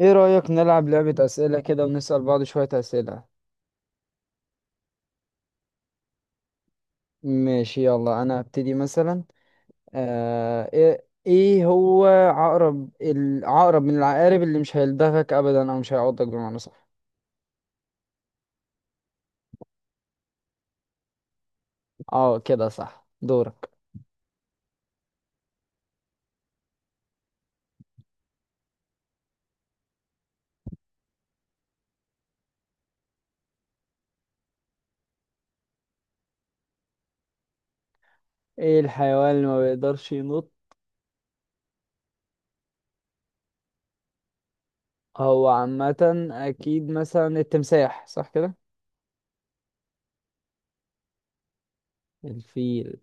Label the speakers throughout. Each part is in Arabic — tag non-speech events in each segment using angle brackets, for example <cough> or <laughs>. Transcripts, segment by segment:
Speaker 1: ايه رأيك نلعب لعبة أسئلة كده ونسأل بعض شوية أسئلة؟ ماشي، يلا انا هبتدي مثلا. ايه هو عقرب، العقرب من العقارب اللي مش هيلدغك ابدا، او مش هيعضك، بمعنى صح؟ اه، كده صح، دورك. ايه الحيوان اللي ما بيقدرش ينط؟ هو عامة اكيد مثلا التمساح، صح كده؟ الفيل.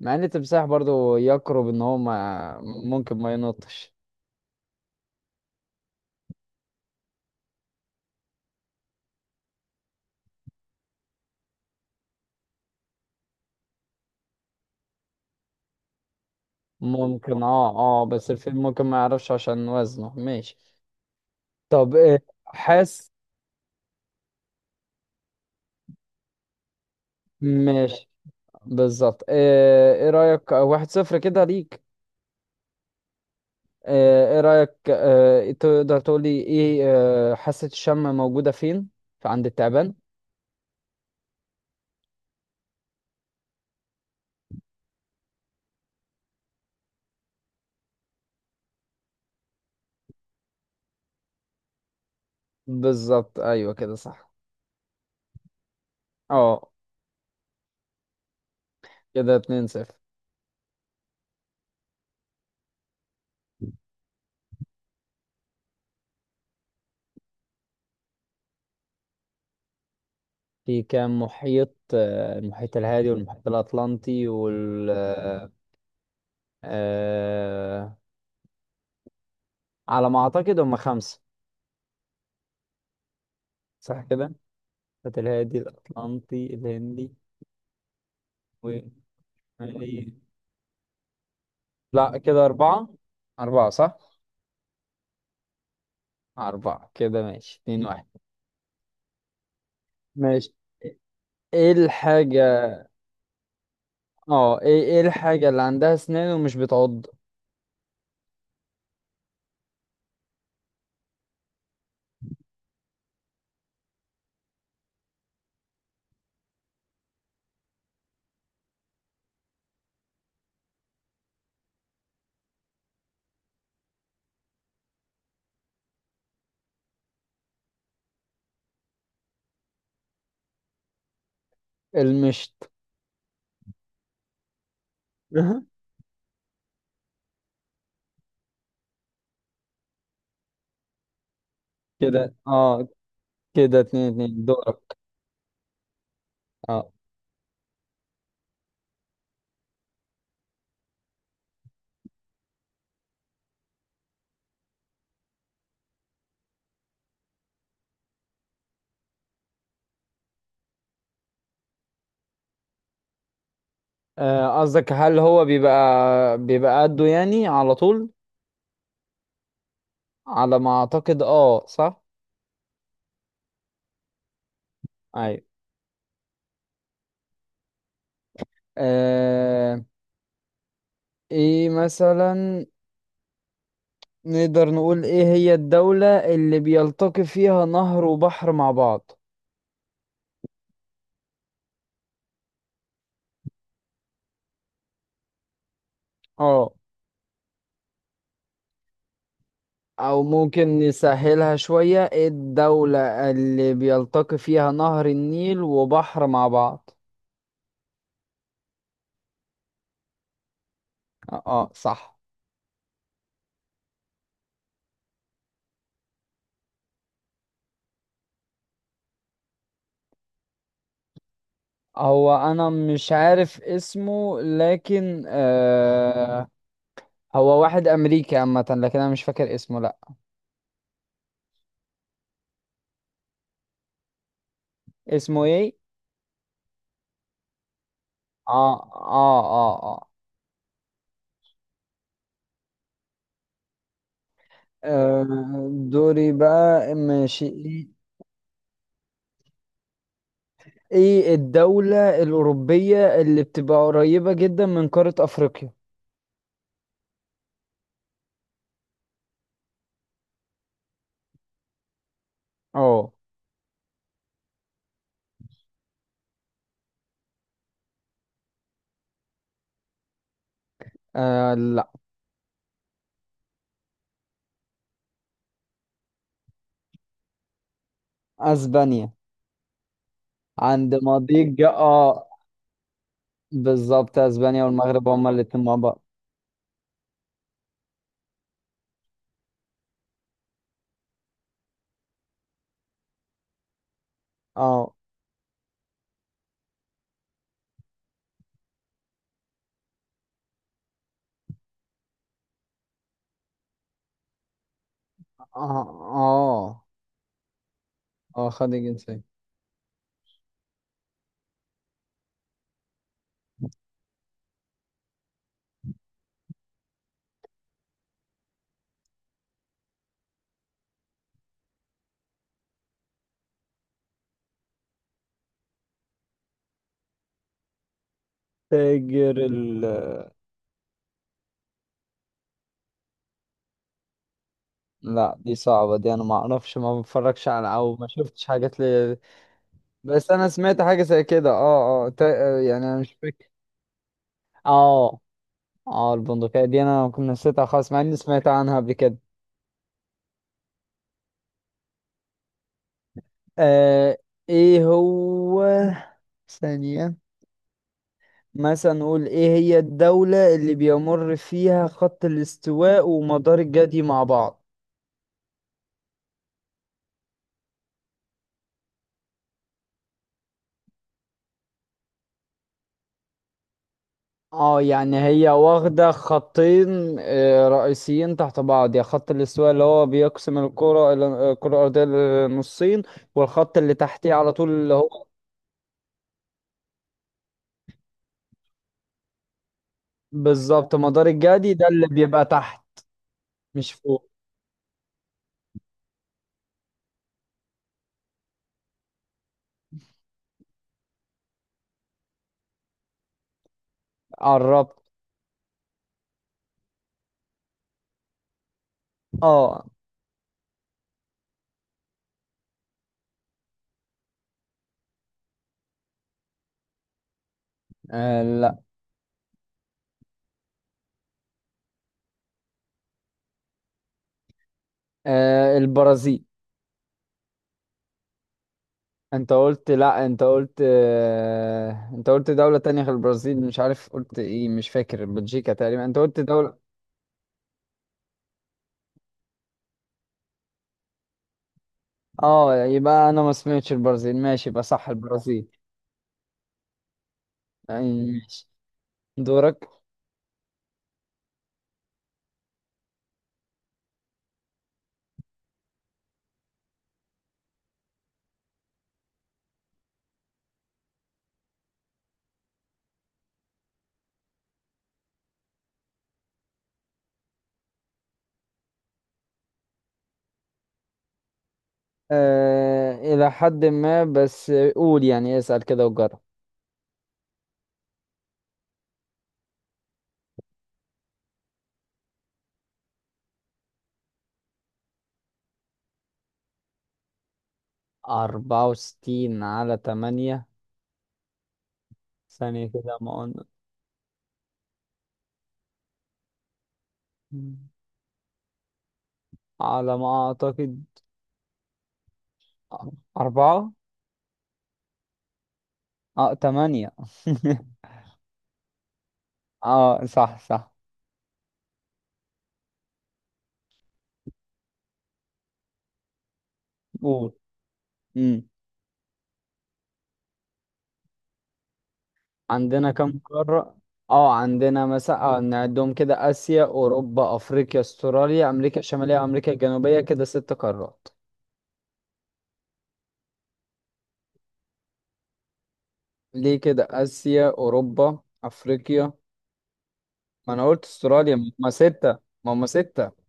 Speaker 1: مع ان التمساح برضو يقرب ان هو ما ممكن ما ينطش. ممكن، اه اه، بس الفيل ممكن ما يعرفش عشان وزنه. ماشي. طب، إيه حاسس؟ ماشي. بالظبط. ايه رأيك 1-0 كده ليك؟ ايه رأيك، إيه تقدر تقول لي ايه؟ حاسة الشم موجودة فين؟ في عند التعبان. بالظبط، ايوه كده صح. اه، كده 2-0. في كام محيط؟ المحيط الهادي والمحيط الأطلنطي، وال آه، آه، على ما أعتقد هم خمسة، صح كده؟ المحيط الهادي، الأطلنطي، الهندي، و لا، كده أربعة. أربعة صح؟ أربعة، كده ماشي 2-1. ماشي. ايه الحاجة؟ اه، ايه الحاجة اللي عندها اسنان ومش بتعض؟ المشط. <laughs> أها. كده اه، كده 2-2، دورك. اه. قصدك هل هو بيبقى قده يعني على طول؟ على ما اعتقد اه صح. ايوه. آه ايه مثلا؟ نقدر نقول ايه هي الدولة اللي بيلتقي فيها نهر وبحر مع بعض؟ اه، او ممكن نسهلها شوية، ايه الدولة اللي بيلتقي فيها نهر النيل وبحر مع بعض؟ اه، صح. هو انا مش عارف اسمه، لكن. هو واحد امريكي عامة، لكن انا مش فاكر اسمه، لا. اسمه ايه؟ اه، اه، اه، اه. آه، دوري بقى، ماشي ايه؟ إيه الدولة الأوروبية اللي بتبقى قريبة جدا من قارة أفريقيا؟ اه. لا، اسبانيا عند مضيق اه بالظبط، اسبانيا والمغرب هما الاتنين مع بعض. اه، اه، اه، اه، خد الجنسية. تاجر ال لا، دي صعبة، دي انا ما اعرفش، ما بتفرجش على او ما شفتش حاجات لي. بس انا سمعت حاجة زي كده، اه اه، يعني انا مش فاكر. اه اه، البندقية دي انا كنت نسيتها خالص، مع اني سمعت عنها قبل كده. آه ايه هو، ثانية. مثلا نقول ايه هي الدولة اللي بيمر فيها خط الاستواء ومدار الجدي مع بعض؟ اه، يعني هي واخدة خطين رئيسيين تحت بعض، يا خط الاستواء اللي هو بيقسم الكرة الأرضية لنصين، والخط اللي تحتيه على طول اللي هو بالظبط مدار الجدي، ده اللي بيبقى تحت مش فوق. قربت. اه، لا. البرازيل. انت قلت لا، انت قلت انت قلت دولة تانية غير البرازيل، مش عارف قلت ايه، مش فاكر، بلجيكا تقريبا، انت قلت دولة. اه، يبقى انا ما سمعتش البرازيل، ماشي، يبقى صح البرازيل. يعني ماشي. دورك. الى حد ما، بس قول يعني، اسأل كده وجرب. 64 على تمانية. ثانية كده، ما قلنا؟ على ما اعتقد اربعة. اه تمانية. <laughs> اه، صح صح. قول. عندنا كم قارة؟ اه عندنا مثلا، نعدهم كده: آسيا، أوروبا، أفريقيا، أستراليا، أمريكا الشمالية، أمريكا الجنوبية، كده ست قارات. ليه، كده آسيا أوروبا أفريقيا. ما أنا قلت أستراليا، ما هما ستة. ما هما ستة.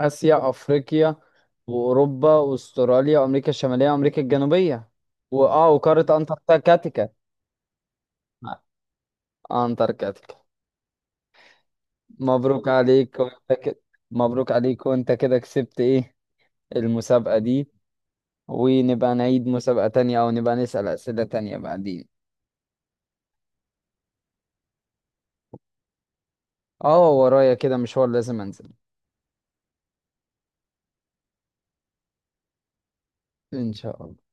Speaker 1: آسيا، أفريقيا، وأوروبا، وأستراليا، وأمريكا الشمالية، وأمريكا الجنوبية، وقارة أنتاركتيكا. أنتاركتيكا. مبروك عليك وأنت كده. مبروك عليك، وأنت كده كسبت إيه، المسابقة دي، ونبقى نعيد مسابقة تانية أو نبقى نسأل أسئلة تانية بعدين. اه، ورايا كده مشوار لازم أنزل. إن شاء الله.